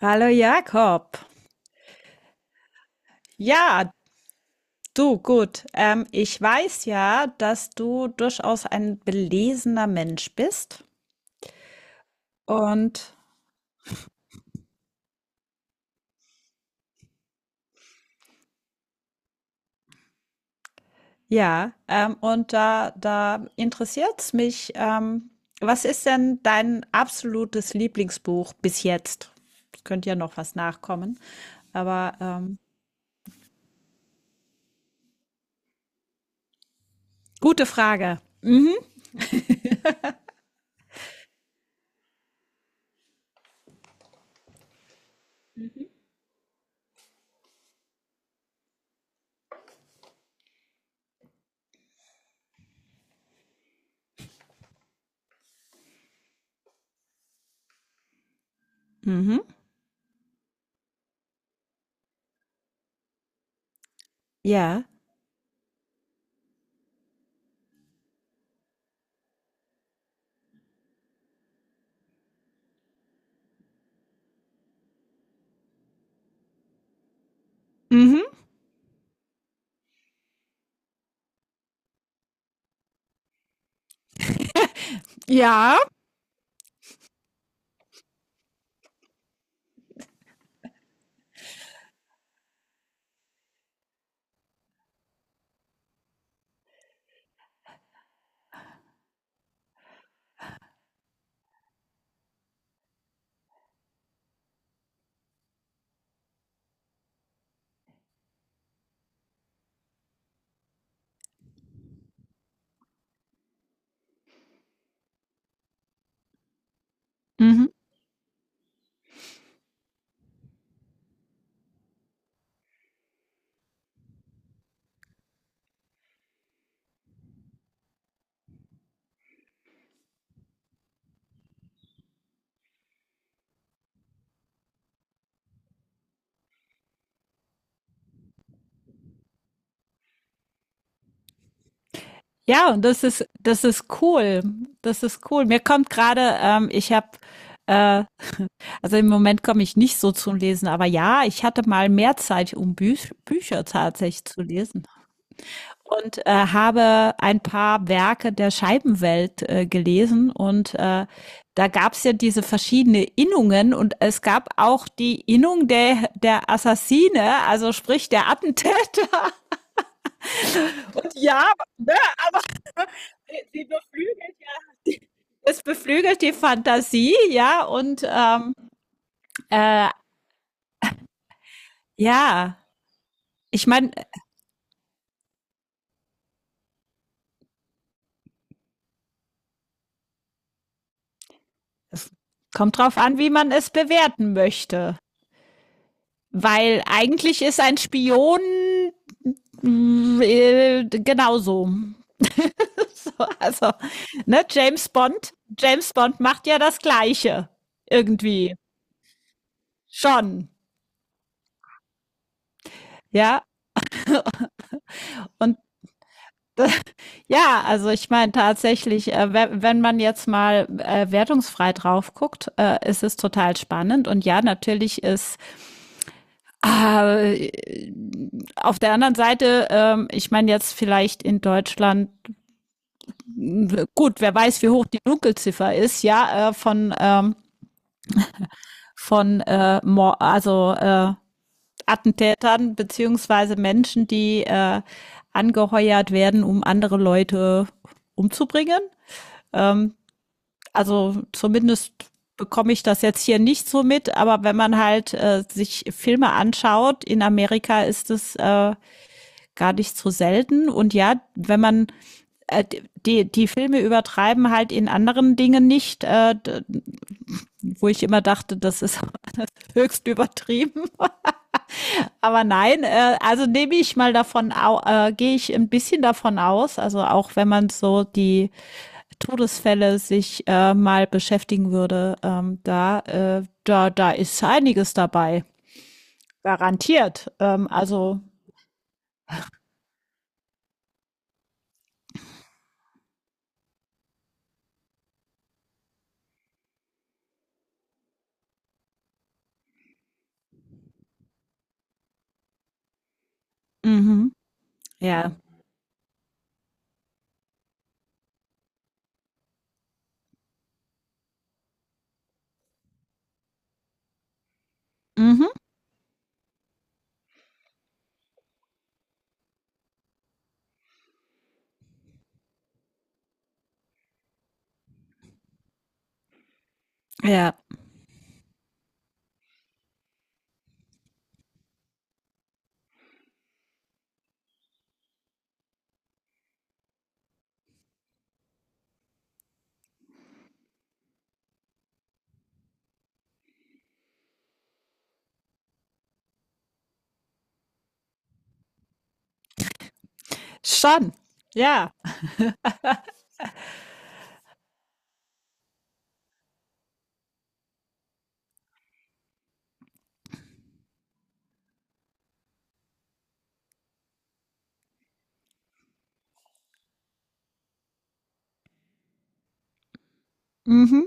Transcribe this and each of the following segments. Hallo Jakob. Ja, du, gut. Ich weiß ja, dass du durchaus ein belesener Mensch bist. Und und da interessiert es mich, was ist denn dein absolutes Lieblingsbuch bis jetzt? Es könnte ja noch was nachkommen. Aber gute Frage. Mhm. Mhm. Ja. Mhm. Ja. Mhm. Ja, und das ist cool. Das ist cool. Mir kommt gerade, äh, also im Moment komme ich nicht so zum Lesen, aber ja, ich hatte mal mehr Zeit, um Bü Bücher tatsächlich zu lesen. Und habe ein paar Werke der Scheibenwelt gelesen und da gab es ja diese verschiedenen Innungen und es gab auch die Innung der Assassine, also sprich der Attentäter. Und ja, Sie beflügelt ja Es beflügelt die Fantasie, ja, und äh, ja, ich meine, es kommt drauf an, wie man es bewerten möchte. Weil eigentlich ist ein Spion genauso. so, also, ne, James Bond, James Bond macht ja das Gleiche. Irgendwie. Schon. Ja, und Ja, also ich meine tatsächlich, wenn man jetzt mal wertungsfrei drauf guckt, ist es total spannend. Und ja, natürlich ist äh, auf der anderen Seite, ich meine jetzt vielleicht in Deutschland, mh, gut, wer weiß, wie hoch die Dunkelziffer ist, ja, von Attentätern beziehungsweise Menschen, die angeheuert werden, um andere Leute umzubringen. Ähm, also zumindest bekomme ich das jetzt hier nicht so mit, aber wenn man halt sich Filme anschaut, in Amerika ist es gar nicht so selten. Und ja, wenn man äh, die Filme übertreiben halt in anderen Dingen nicht, wo ich immer dachte, das ist höchst übertrieben. Aber nein, also nehme ich mal davon, gehe ich ein bisschen davon aus, also auch wenn man so die Todesfälle sich mal beschäftigen würde, da ist einiges dabei. Garantiert. Also, mhm. Ja. Mhm. Ja. Schon. Ja. Mhm.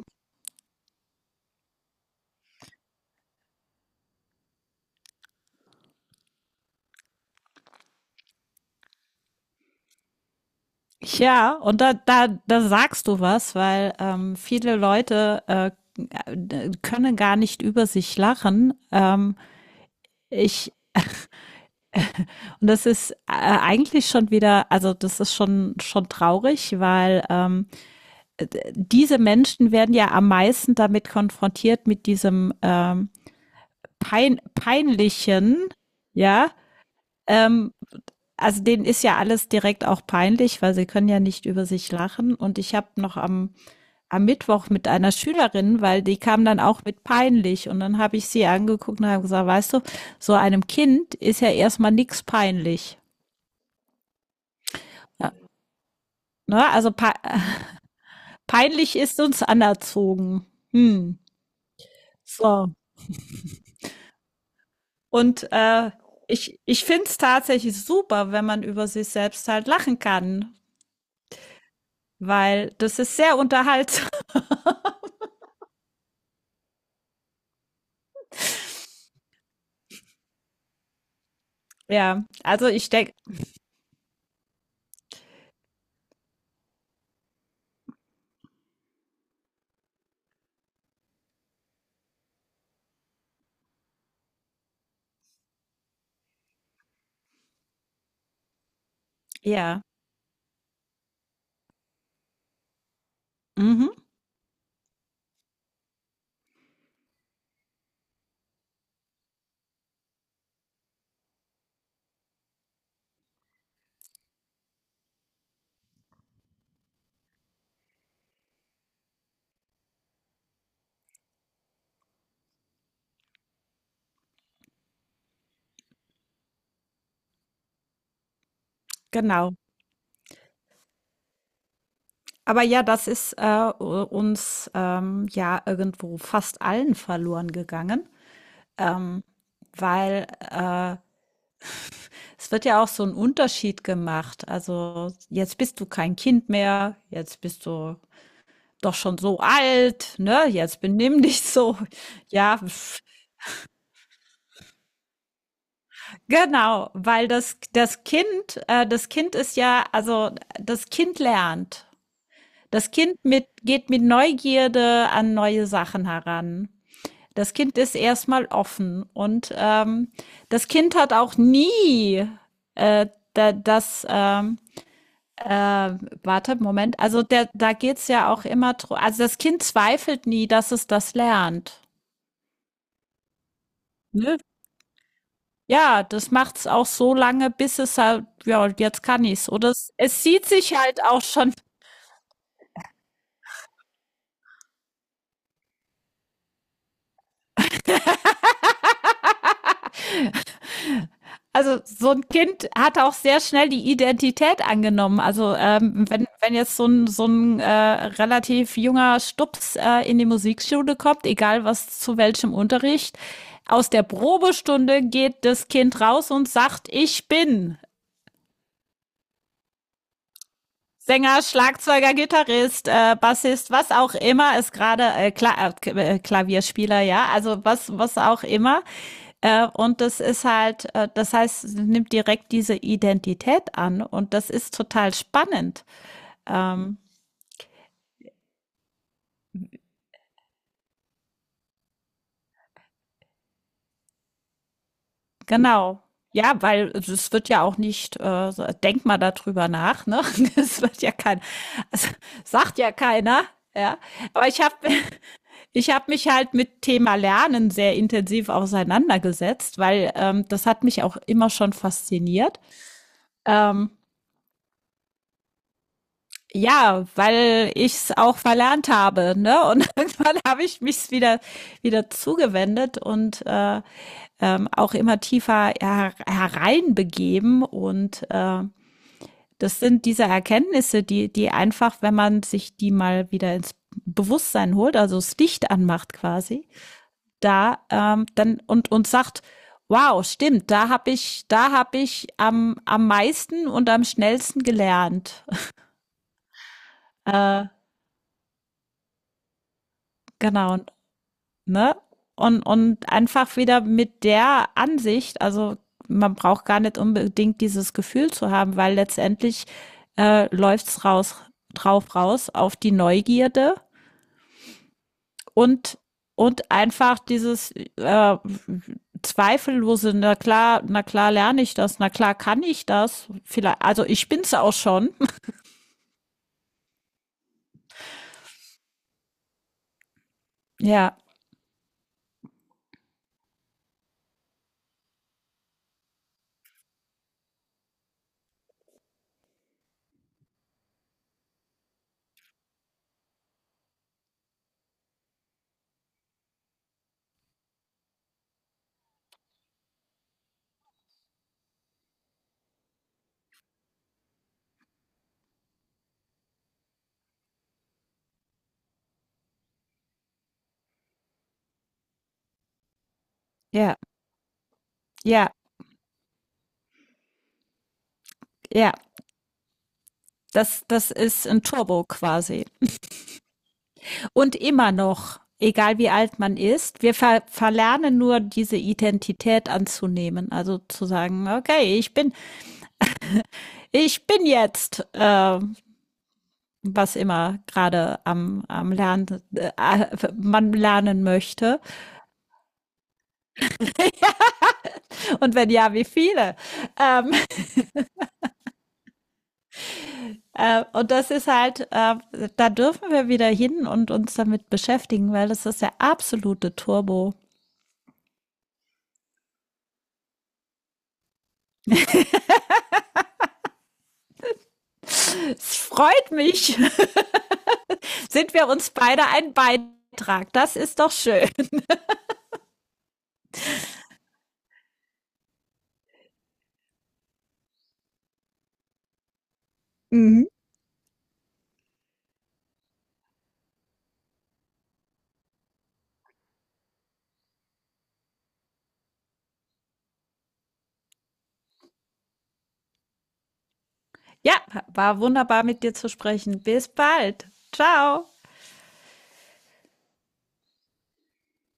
Ja, und da sagst du was, weil viele Leute können gar nicht über sich lachen. Ich, und das ist eigentlich schon wieder, also das ist schon traurig, weil diese Menschen werden ja am meisten damit konfrontiert mit diesem peinlichen, ja, ähm, also denen ist ja alles direkt auch peinlich, weil sie können ja nicht über sich lachen. Und ich habe noch am Mittwoch mit einer Schülerin, weil die kam dann auch mit peinlich. Und dann habe ich sie angeguckt und habe gesagt, weißt du, so einem Kind ist ja erstmal nichts peinlich. Ja. Ne? Also pe peinlich ist uns anerzogen. Hm. So. Und ich finde es tatsächlich super, wenn man über sich selbst halt lachen kann, weil das ist sehr unterhaltsam. Ja, also ich denke, ja, mhm, genau. Aber ja, das ist uns ja irgendwo fast allen verloren gegangen, ähm, weil es wird ja auch so ein Unterschied gemacht. Also jetzt bist du kein Kind mehr, jetzt bist du doch schon so alt, ne? Jetzt benimm dich so. Ja, pf, genau, weil das Kind, das Kind ist ja, also das Kind lernt. Das Kind geht mit Neugierde an neue Sachen heran. Das Kind ist erstmal offen und das Kind hat auch nie äh, da, das, ähm, äh, warte, Moment, also der, da geht's ja auch immer, dr- also das Kind zweifelt nie, dass es das lernt. Ne? Ja, das macht's auch so lange, bis es halt ja, jetzt kann ich's. Oder es sieht sich halt auch schon also, so ein Kind hat auch sehr schnell die Identität angenommen. Also, wenn jetzt so ein relativ junger Stups, in die Musikschule kommt, egal was zu welchem Unterricht, aus der Probestunde geht das Kind raus und sagt: „Ich bin“ Sänger, Schlagzeuger, Gitarrist, Bassist, was auch immer ist gerade Klavierspieler, ja, also was auch immer. Und das ist halt, das heißt, nimmt direkt diese Identität an und das ist total spannend. Ähm, genau. Ja, weil es wird ja auch nicht, so- denk mal darüber nach, ne? Das wird ja kein, es sagt ja keiner, ja. Aber ich habe Ich habe mich halt mit Thema Lernen sehr intensiv auseinandergesetzt, weil das hat mich auch immer schon fasziniert. Ähm, ja, weil ich es auch verlernt habe, ne? Und irgendwann habe ich mich wieder zugewendet und auch immer tiefer hereinbegeben. Und das sind diese Erkenntnisse, die einfach, wenn man sich die mal wieder ins Bewusstsein holt, also das Licht anmacht quasi, da dann und sagt, wow, stimmt, da habe ich am meisten und am schnellsten gelernt. Äh, genau, ne? Und einfach wieder mit der Ansicht, also man braucht gar nicht unbedingt dieses Gefühl zu haben, weil letztendlich läuft's raus drauf raus auf die Neugierde und, und einfach dieses Zweifellose, na klar, na klar lerne ich das, na klar kann ich das. Vielleicht, also ich bin's auch schon. Ja, ja, ja, ja. Das, das ist ein Turbo quasi. Und immer noch, egal wie alt man ist, wir verlernen nur diese Identität anzunehmen. Also zu sagen, okay, ich bin jetzt, was immer gerade am Lernen, äh, man lernen möchte. Und wenn ja, wie viele? Ähm, und das ist halt, da dürfen wir wieder hin und uns damit beschäftigen, weil das ist der absolute Turbo. Es freut mich. Sind wir uns beide ein Beitrag? Das ist doch schön. Mhm. Ja, war wunderbar mit dir zu sprechen. Bis bald. Ciao.